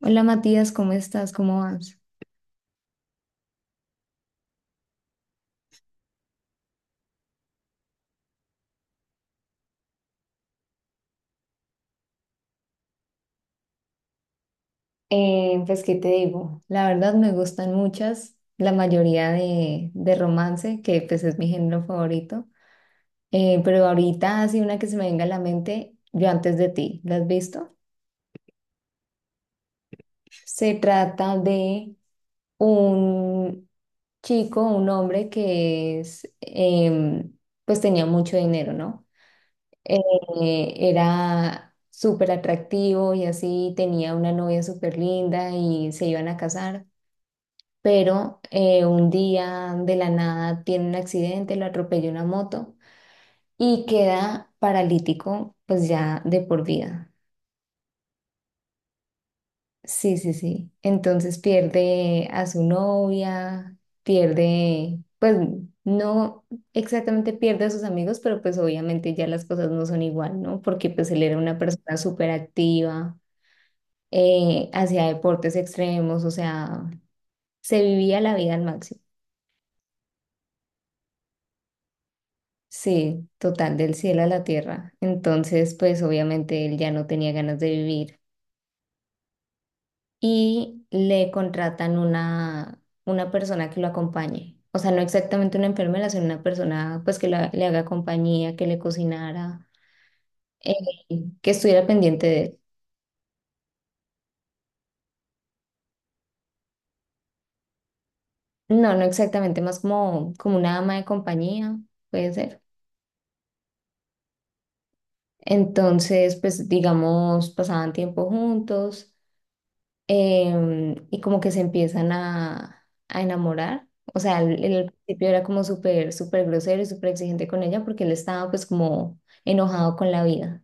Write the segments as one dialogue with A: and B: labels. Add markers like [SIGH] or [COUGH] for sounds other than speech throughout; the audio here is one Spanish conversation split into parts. A: Hola Matías, ¿cómo estás? ¿Cómo vas? Pues, ¿qué te digo? La verdad me gustan muchas, la mayoría de romance, que pues es mi género favorito. Pero ahorita así una que se me venga a la mente, Yo antes de ti, ¿la has visto? Se trata de un chico, un hombre que es, pues tenía mucho dinero, ¿no? Era súper atractivo y así tenía una novia súper linda y se iban a casar, pero un día de la nada tiene un accidente, lo atropella una moto y queda paralítico pues ya de por vida. Sí, sí, sí. Entonces pierde a su novia, pierde, pues no exactamente pierde a sus amigos, pero pues obviamente ya las cosas no son igual, ¿no? Porque pues él era una persona súper activa hacia deportes extremos, o sea, se vivía la vida al máximo. Sí, total, del cielo a la tierra. Entonces, pues obviamente él ya no tenía ganas de vivir y le contratan una persona que lo acompañe. O sea, no exactamente una enfermera, sino una persona pues que le haga compañía, que le cocinara, eh, que estuviera pendiente de él. No, no exactamente, más como, como una ama de compañía, puede ser. Entonces, pues digamos, pasaban tiempo juntos, y como que se empiezan a enamorar. O sea, él al principio era como súper, súper grosero y súper exigente con ella porque él estaba pues como enojado con la vida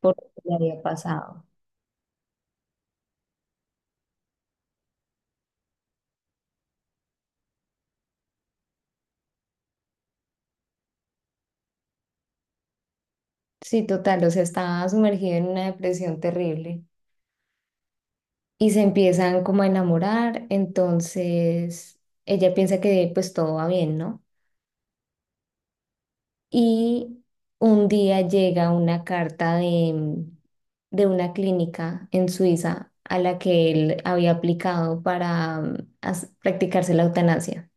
A: por lo que le había pasado. Sí, total, o sea, estaba sumergido en una depresión terrible y se empiezan como a enamorar. Entonces, ella piensa que pues todo va bien, ¿no? Y un día llega una carta de una clínica en Suiza a la que él había aplicado para practicarse la eutanasia.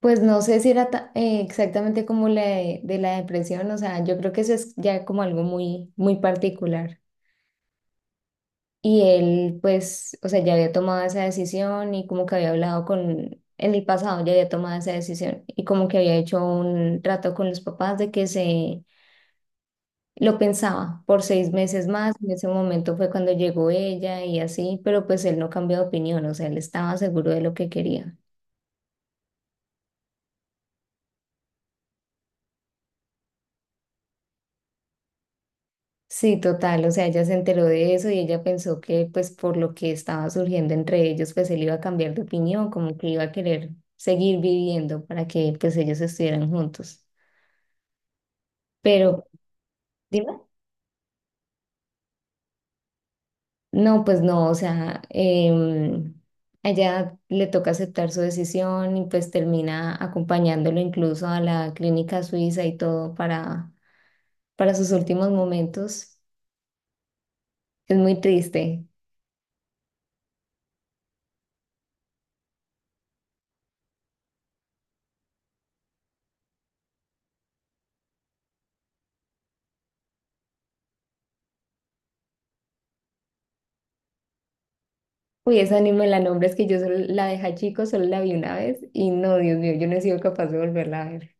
A: Pues no sé si era exactamente como la de la depresión, o sea, yo creo que eso es ya como algo muy, muy particular. Y él, pues, o sea, ya había tomado esa decisión y como que en el pasado ya había tomado esa decisión y como que había hecho un trato con los papás de que se Lo pensaba por 6 meses más, en ese momento fue cuando llegó ella y así, pero pues él no cambió de opinión, o sea, él estaba seguro de lo que quería. Sí, total, o sea, ella se enteró de eso y ella pensó que pues por lo que estaba surgiendo entre ellos, pues él iba a cambiar de opinión, como que iba a querer seguir viviendo para que pues ellos estuvieran juntos. Pero, dime. No, pues no, o sea, ella le toca aceptar su decisión y pues termina acompañándolo incluso a la clínica suiza y todo para sus últimos momentos. Es muy triste. Uy, esa ni me la nombres que yo solo la dejé chico, solo la vi una vez y no, Dios mío, yo no he sido capaz de volverla a ver.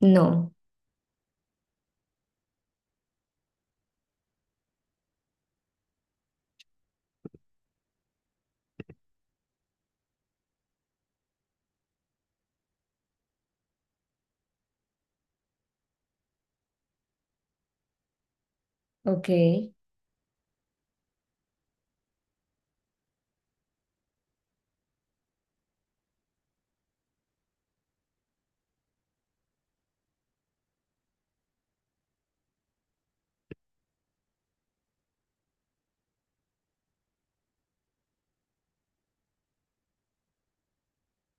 A: No, ok,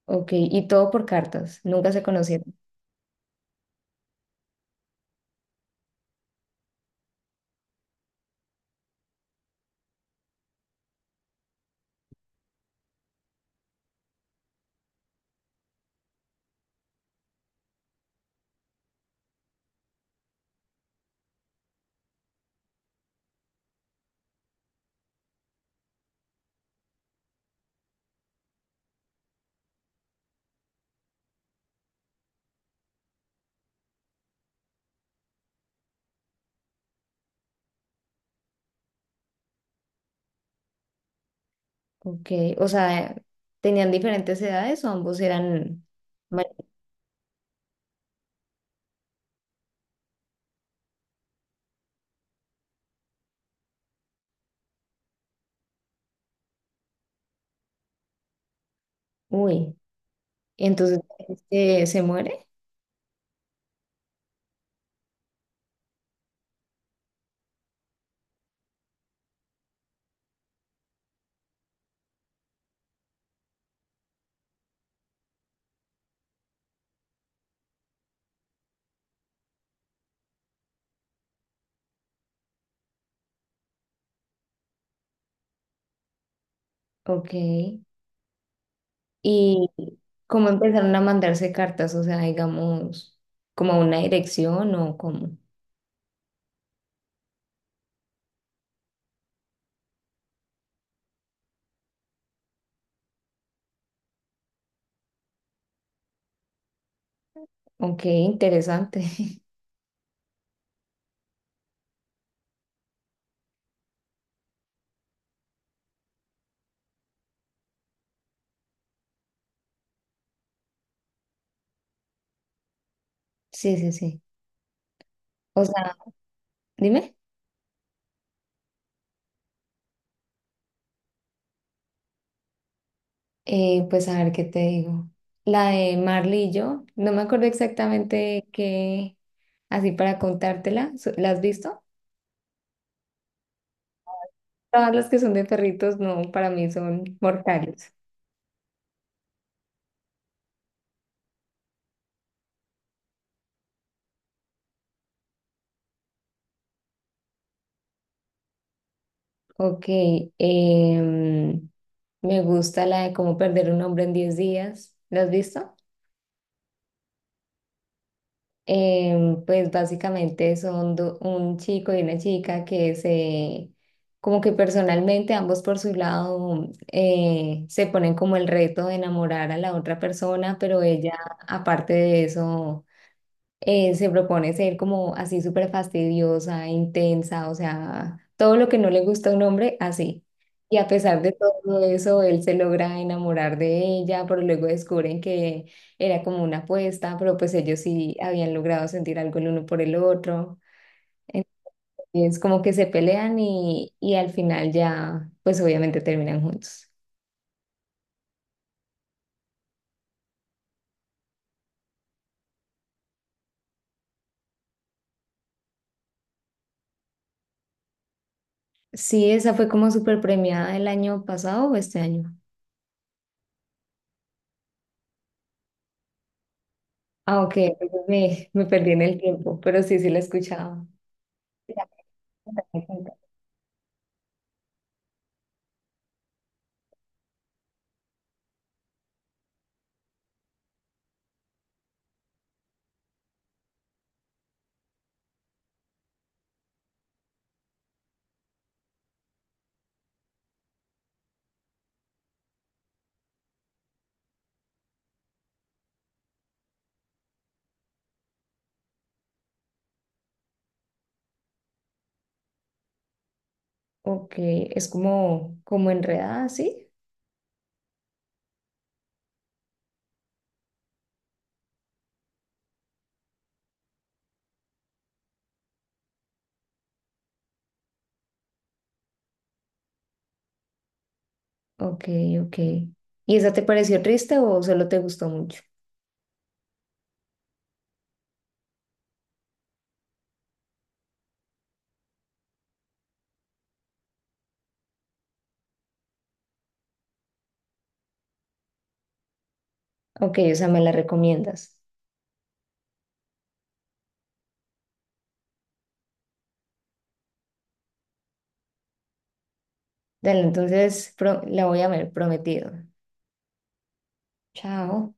A: ok, y todo por cartas, nunca se conocieron. Ok, o sea, ¿tenían diferentes edades o ambos eran... ma- Uy. Entonces este, se muere, ok. ¿Y cómo empezaron a mandarse cartas? O sea, digamos, como a una dirección o como, ok, interesante. [LAUGHS] Sí, sí, sí. O sea, dime. Pues a ver qué te digo. La de Marley y yo, no me acuerdo exactamente qué, así para contártela, So- ¿la has visto? Todas las que son de perritos, no, para mí son mortales. Ok, em, me gusta la de cómo perder un hombre en 10 días. ¿Lo has visto? Pues básicamente son un chico y una chica que se, como que personalmente ambos por su lado se ponen como el reto de enamorar a la otra persona, pero ella aparte de eso se propone ser como así súper fastidiosa, intensa, o sea, todo lo que no le gusta a un hombre, así. Y a pesar de todo eso, él se logra enamorar de ella, pero luego descubren que era como una apuesta, pero pues ellos sí habían logrado sentir algo el uno por el otro. Entonces, como que se pelean y al final ya, pues obviamente terminan juntos. Sí, esa fue como súper premiada el año pasado o este año. Ah, ok, entonces me perdí en el tiempo, pero sí, sí la he escuchado. Ya, cuenta, me cuenta. Ok, es como, como enredada, ¿sí? Ok, ok. ¿Y esa te pareció triste o solo te gustó mucho? Ok, o sea, me la recomiendas. Dale, entonces pro- la voy a ver, prometido. Chao.